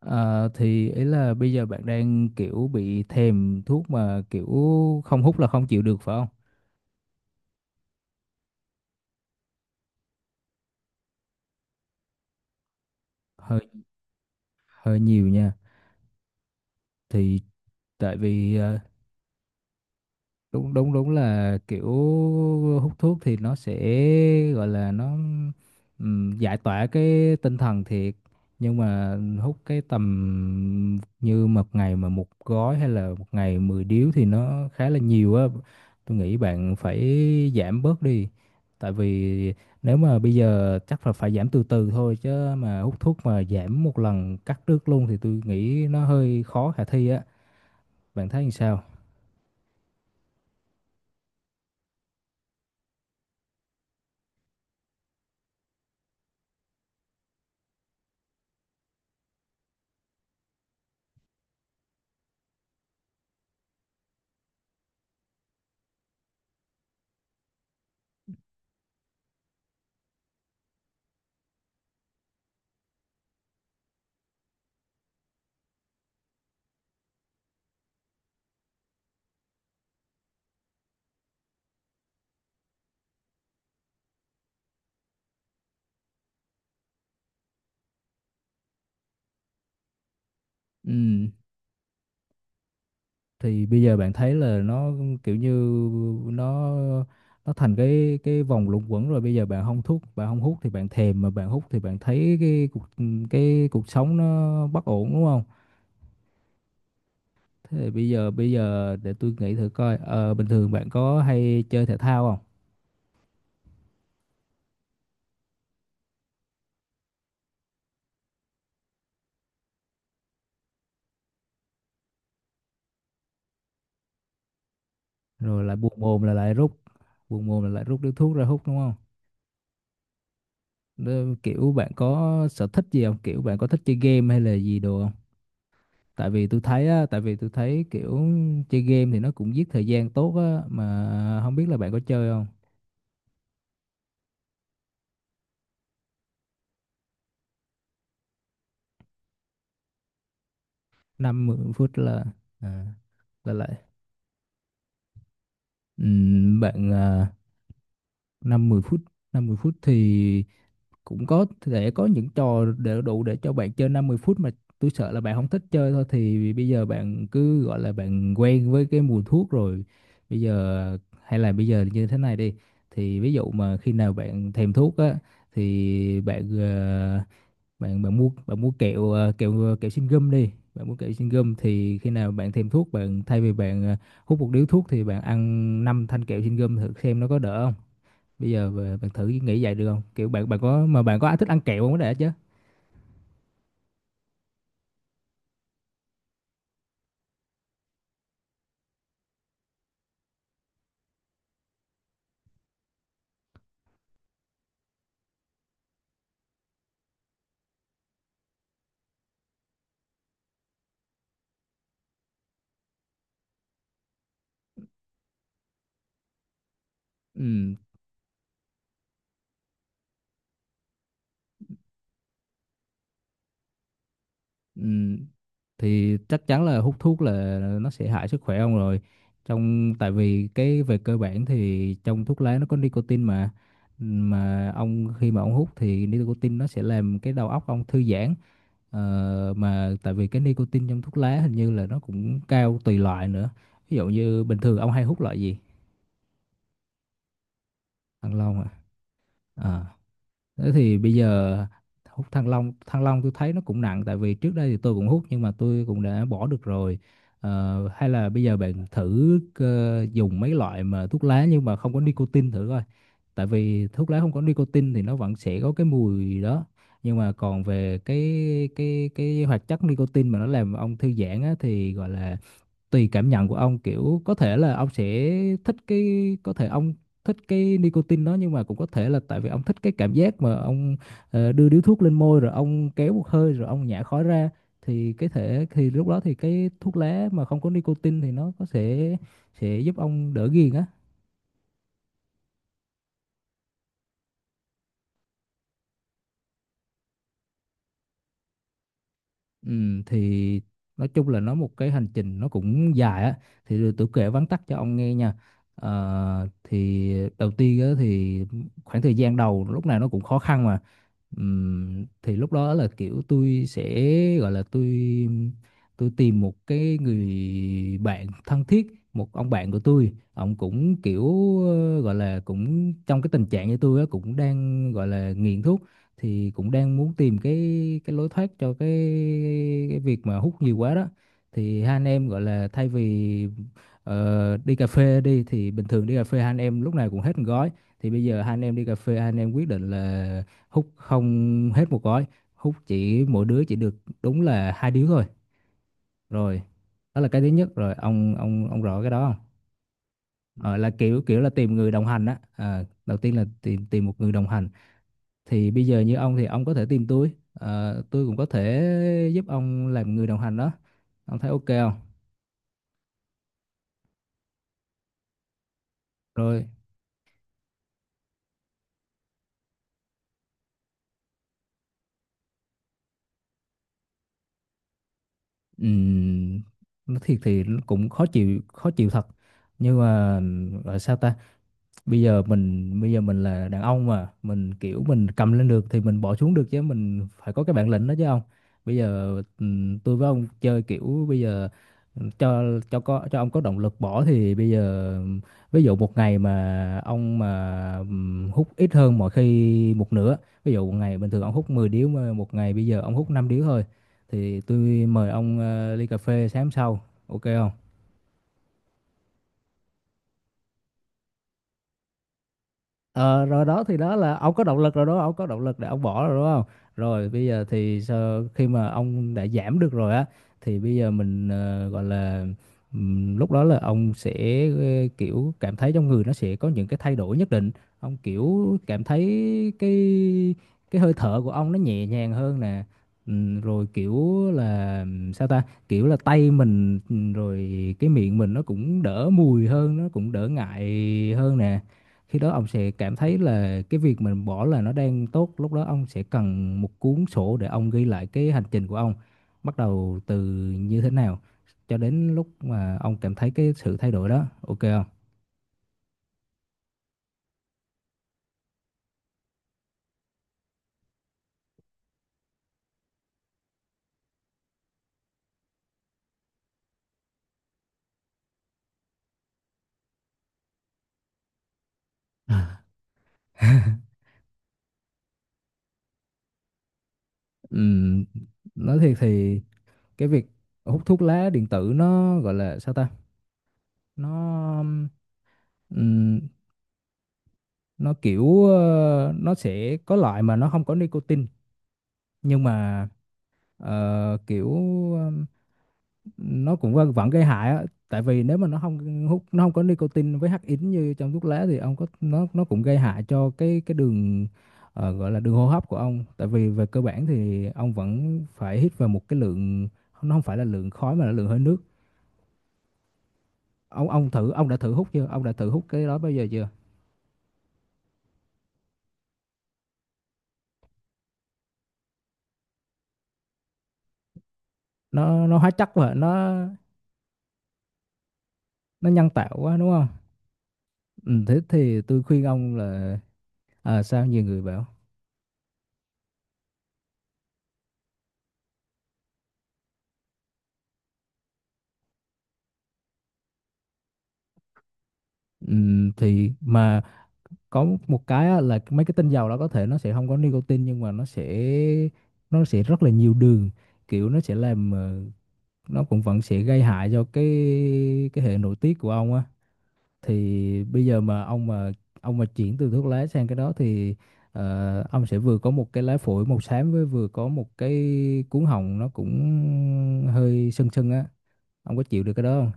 Ờ, thì ý là bây giờ bạn đang kiểu bị thèm thuốc mà kiểu không hút là không chịu được phải không? Hơi hơi nhiều nha. Thì tại vì đúng đúng đúng là kiểu hút thuốc thì nó sẽ gọi là nó giải tỏa cái tinh thần thiệt, nhưng mà hút cái tầm như một ngày mà một gói hay là một ngày 10 điếu thì nó khá là nhiều á. Tôi nghĩ bạn phải giảm bớt đi, tại vì nếu mà bây giờ chắc là phải giảm từ từ thôi, chứ mà hút thuốc mà giảm một lần cắt đứt luôn thì tôi nghĩ nó hơi khó khả thi á. Bạn thấy làm sao? Ừ. Thì bây giờ bạn thấy là nó kiểu như nó nó thành cái vòng luẩn quẩn rồi. Bây giờ bạn không thuốc, bạn không hút thì bạn thèm, mà bạn hút thì bạn thấy cái cuộc, cái cuộc sống nó bất ổn, đúng không? Thế thì bây giờ để tôi nghĩ thử coi, bình thường bạn có hay chơi thể thao không? Rồi lại buồn mồm là lại rút, buồn mồm là lại rút điếu thuốc ra hút đúng không? Nên kiểu bạn có sở thích gì không, kiểu bạn có thích chơi game hay là gì đồ không? Tại vì tôi thấy á, tại vì tôi thấy kiểu chơi game thì nó cũng giết thời gian tốt á, mà không biết là bạn có chơi không. 50 phút là à, là lại. Bạn à, 50 phút, 50 phút thì cũng có thể có những trò để đủ để cho bạn chơi 50 phút mà. Tôi sợ là bạn không thích chơi thôi. Thì bây giờ bạn cứ gọi là bạn quen với cái mùi thuốc rồi, bây giờ hay là bây giờ như thế này đi: thì ví dụ mà khi nào bạn thèm thuốc á thì bạn bạn mua kẹo kẹo kẹo xin gum đi. Bạn mua kẹo xin gum thì khi nào bạn thèm thuốc, bạn thay vì bạn hút một điếu thuốc thì bạn ăn 5 thanh kẹo xin gum thử xem nó có đỡ không. Bây giờ bạn thử nghĩ vậy được không, kiểu bạn bạn có mà bạn có ai thích ăn kẹo không có đã chứ. ừ, ừ, thì chắc chắn là hút thuốc là nó sẽ hại sức khỏe ông rồi. Trong tại vì cái Về cơ bản thì trong thuốc lá nó có nicotine mà ông khi mà ông hút thì nicotine nó sẽ làm cái đầu óc ông thư giãn. Ờ, mà tại vì cái nicotine trong thuốc lá hình như là nó cũng cao tùy loại nữa. Ví dụ như bình thường ông hay hút loại gì? Ăn lông à? Thế thì bây giờ hút Thăng Long, Thăng Long tôi thấy nó cũng nặng. Tại vì trước đây thì tôi cũng hút nhưng mà tôi cũng đã bỏ được rồi. Ờ, hay là bây giờ bạn thử dùng mấy loại mà thuốc lá nhưng mà không có nicotine thử coi. Tại vì thuốc lá không có nicotine thì nó vẫn sẽ có cái mùi đó. Nhưng mà còn về cái cái hoạt chất nicotine mà nó làm ông thư giãn á, thì gọi là tùy cảm nhận của ông, kiểu có thể là ông sẽ thích cái, có thể ông thích cái nicotine đó, nhưng mà cũng có thể là tại vì ông thích cái cảm giác mà ông, đưa điếu thuốc lên môi rồi ông kéo một hơi rồi ông nhả khói ra. Thì cái thể thì lúc đó thì cái thuốc lá mà không có nicotine thì nó sẽ sẽ giúp ông đỡ ghiền á. Thì nói chung là nó một cái hành trình nó cũng dài á, thì rồi tôi kể vắn tắt cho ông nghe nha. Ờ, thì đầu tiên á, thì khoảng thời gian đầu lúc nào nó cũng khó khăn mà. Thì lúc đó là kiểu tôi sẽ gọi là tôi tìm một cái người bạn thân thiết, một ông bạn của tôi, ông cũng kiểu gọi là cũng trong cái tình trạng như tôi á, cũng đang gọi là nghiện thuốc, thì cũng đang muốn tìm cái lối thoát cho cái việc mà hút nhiều quá đó. Thì hai anh em gọi là thay vì đi cà phê đi, thì bình thường đi cà phê hai anh em lúc nào cũng hết một gói, thì bây giờ hai anh em đi cà phê, hai anh em quyết định là hút không hết một gói, hút chỉ mỗi đứa chỉ được đúng là hai điếu thôi. Rồi, đó là cái thứ nhất rồi, ông rõ cái đó không? Ờ, là kiểu kiểu là tìm người đồng hành á, à, đầu tiên là tìm tìm một người đồng hành. Thì bây giờ như ông thì ông có thể tìm tôi. Ờ, tôi cũng có thể giúp ông làm người đồng hành đó. Ông thấy ok không? Rồi. Ừm, nói thiệt thì cũng khó chịu, khó chịu thật, nhưng mà gọi sao ta, bây giờ mình là đàn ông mà, mình kiểu mình cầm lên được thì mình bỏ xuống được chứ, mình phải có cái bản lĩnh đó chứ không. Bây giờ tôi với ông chơi kiểu bây giờ cho cho ông có động lực bỏ. Thì bây giờ ví dụ một ngày mà ông mà hút ít hơn mọi khi một nửa, ví dụ một ngày bình thường ông hút 10 điếu mà một ngày bây giờ ông hút 5 điếu thôi, thì tôi mời ông ly cà phê sáng sau. Ok không? Ờ, rồi đó, thì đó là ông có động lực rồi đó, ông có động lực để ông bỏ rồi đúng không? Rồi bây giờ thì sau khi mà ông đã giảm được rồi á, thì bây giờ mình gọi là lúc đó là ông sẽ kiểu cảm thấy trong người nó sẽ có những cái thay đổi nhất định. Ông kiểu cảm thấy cái hơi thở của ông nó nhẹ nhàng hơn nè. Rồi kiểu là sao ta, kiểu là tay mình rồi cái miệng mình nó cũng đỡ mùi hơn, nó cũng đỡ ngại hơn nè. Khi đó ông sẽ cảm thấy là cái việc mình bỏ là nó đang tốt, lúc đó ông sẽ cần một cuốn sổ để ông ghi lại cái hành trình của ông, bắt đầu từ như thế nào cho đến lúc mà ông cảm thấy cái sự thay đổi đó, ok không? Ừm, nói thiệt thì cái việc hút thuốc lá điện tử nó gọi là sao ta? Nó ừm, nó kiểu nó sẽ có loại mà nó không có nicotine, nhưng mà ờ, kiểu ờ, nó cũng vẫn vẫn gây hại á. Tại vì nếu mà nó không có nicotine với hắc ín như trong thuốc lá thì ông có nó cũng gây hại cho cái đường, gọi là đường hô hấp của ông. Tại vì về cơ bản thì ông vẫn phải hít vào một cái lượng, nó không phải là lượng khói mà là lượng hơi nước. Ông đã thử hút cái đó bao giờ chưa? Nó hóa chất quá, nó nhân tạo quá đúng không? Ừ, thế thì tôi khuyên ông là, à, sao nhiều người bảo. Ừ, thì mà có một cái á, là mấy cái tinh dầu đó có thể nó sẽ không có nicotine, nhưng mà nó sẽ rất là nhiều đường, kiểu nó sẽ làm nó cũng vẫn sẽ gây hại cho cái hệ nội tiết của ông á. Thì bây giờ mà ông mà chuyển từ thuốc lá sang cái đó thì ông sẽ vừa có một cái lá phổi màu xám với vừa có một cái cuống họng nó cũng hơi sưng sưng á. Ông có chịu được cái đó không?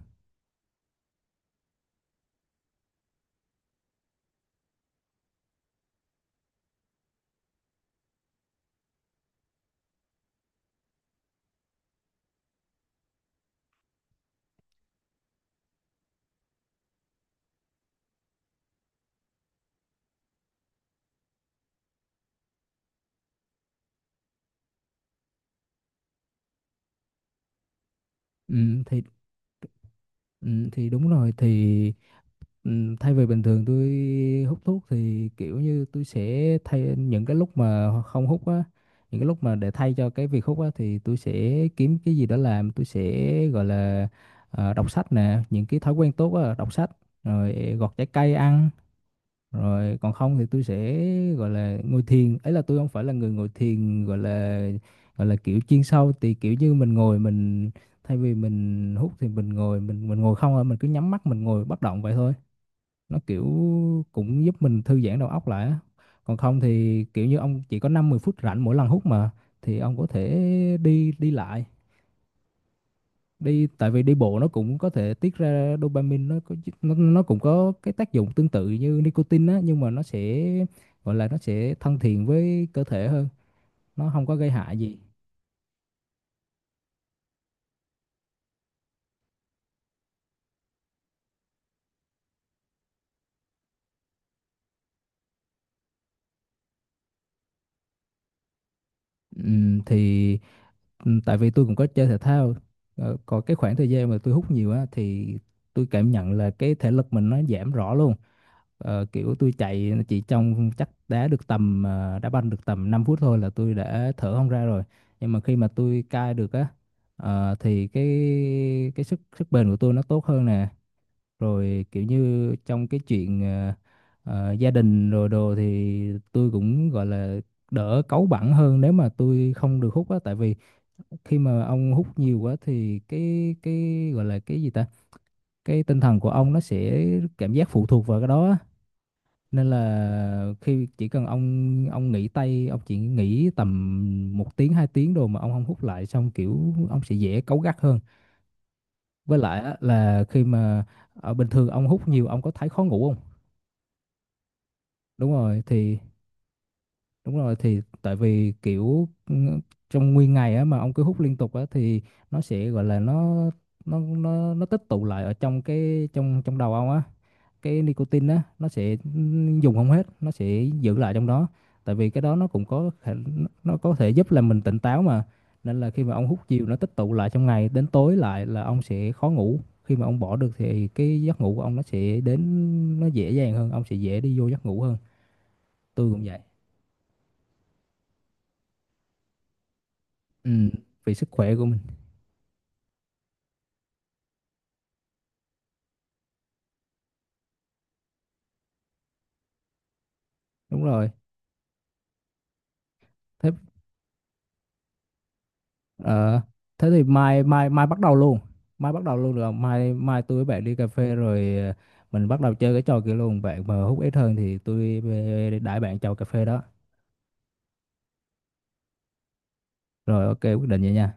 Ừ, thì. Ừ, thì đúng rồi, thì thay vì bình thường tôi hút thuốc thì kiểu như tôi sẽ thay những cái lúc mà không hút á, những cái lúc mà để thay cho cái việc hút á thì tôi sẽ kiếm cái gì đó làm. Tôi sẽ gọi là đọc sách nè, những cái thói quen tốt á, đọc sách, rồi gọt trái cây ăn, rồi còn không thì tôi sẽ gọi là ngồi thiền ấy. Là tôi không phải là người ngồi thiền gọi là kiểu chuyên sâu, thì kiểu như mình ngồi mình thay vì mình hút thì mình ngồi, mình ngồi không thôi, mình cứ nhắm mắt mình ngồi bất động vậy thôi, nó kiểu cũng giúp mình thư giãn đầu óc lại á. Còn không thì kiểu như ông chỉ có năm mười phút rảnh mỗi lần hút mà, thì ông có thể đi đi lại đi, tại vì đi bộ nó cũng có thể tiết ra dopamine. Nó cũng có cái tác dụng tương tự như nicotine á, nhưng mà nó sẽ gọi là nó sẽ thân thiện với cơ thể hơn, nó không có gây hại gì. Thì tại vì tôi cũng có chơi thể thao. Ờ, còn cái khoảng thời gian mà tôi hút nhiều á thì tôi cảm nhận là cái thể lực mình nó giảm rõ luôn. Ờ, kiểu tôi chạy chỉ trong chắc đá được tầm đá banh được tầm 5 phút thôi là tôi đã thở không ra rồi, nhưng mà khi mà tôi cai được á, ờ, thì cái sức sức bền của tôi nó tốt hơn nè. Rồi kiểu như trong cái chuyện gia đình rồi đồ thì tôi cũng gọi là đỡ cáu bẳn hơn nếu mà tôi không được hút á. Tại vì khi mà ông hút nhiều quá thì cái gọi là cái gì ta, cái tinh thần của ông nó sẽ cảm giác phụ thuộc vào cái đó á, nên là khi chỉ cần ông nghỉ tay, ông chỉ nghỉ tầm một tiếng hai tiếng rồi mà ông không hút lại xong kiểu ông sẽ dễ cáu gắt hơn. Với lại á, là khi mà ở bình thường ông hút nhiều ông có thấy khó ngủ không? Đúng rồi, thì. Đúng rồi, thì tại vì kiểu ừ, trong nguyên ngày á mà ông cứ hút liên tục á thì nó sẽ gọi là nó tích tụ lại ở trong cái trong trong đầu ông á. Cái nicotine á nó sẽ dùng không hết, nó sẽ giữ lại trong đó. Tại vì cái đó nó cũng có nó có thể giúp làm mình tỉnh táo mà. Nên là khi mà ông hút nhiều nó tích tụ lại trong ngày đến tối lại là ông sẽ khó ngủ. Khi mà ông bỏ được thì cái giấc ngủ của ông nó sẽ đến nó dễ dàng hơn, ông sẽ dễ đi vô giấc ngủ hơn. Tôi cũng vậy. Ừ, vì sức khỏe của mình. Đúng rồi, thế ờ, thế thì mai mai mai bắt đầu luôn. Mai bắt đầu luôn được không? Mai mai tôi với bạn đi cà phê rồi mình bắt đầu chơi cái trò kia luôn, bạn mà hút ít hơn thì tôi đãi bạn chầu cà phê đó. Rồi ok, quyết định vậy nha.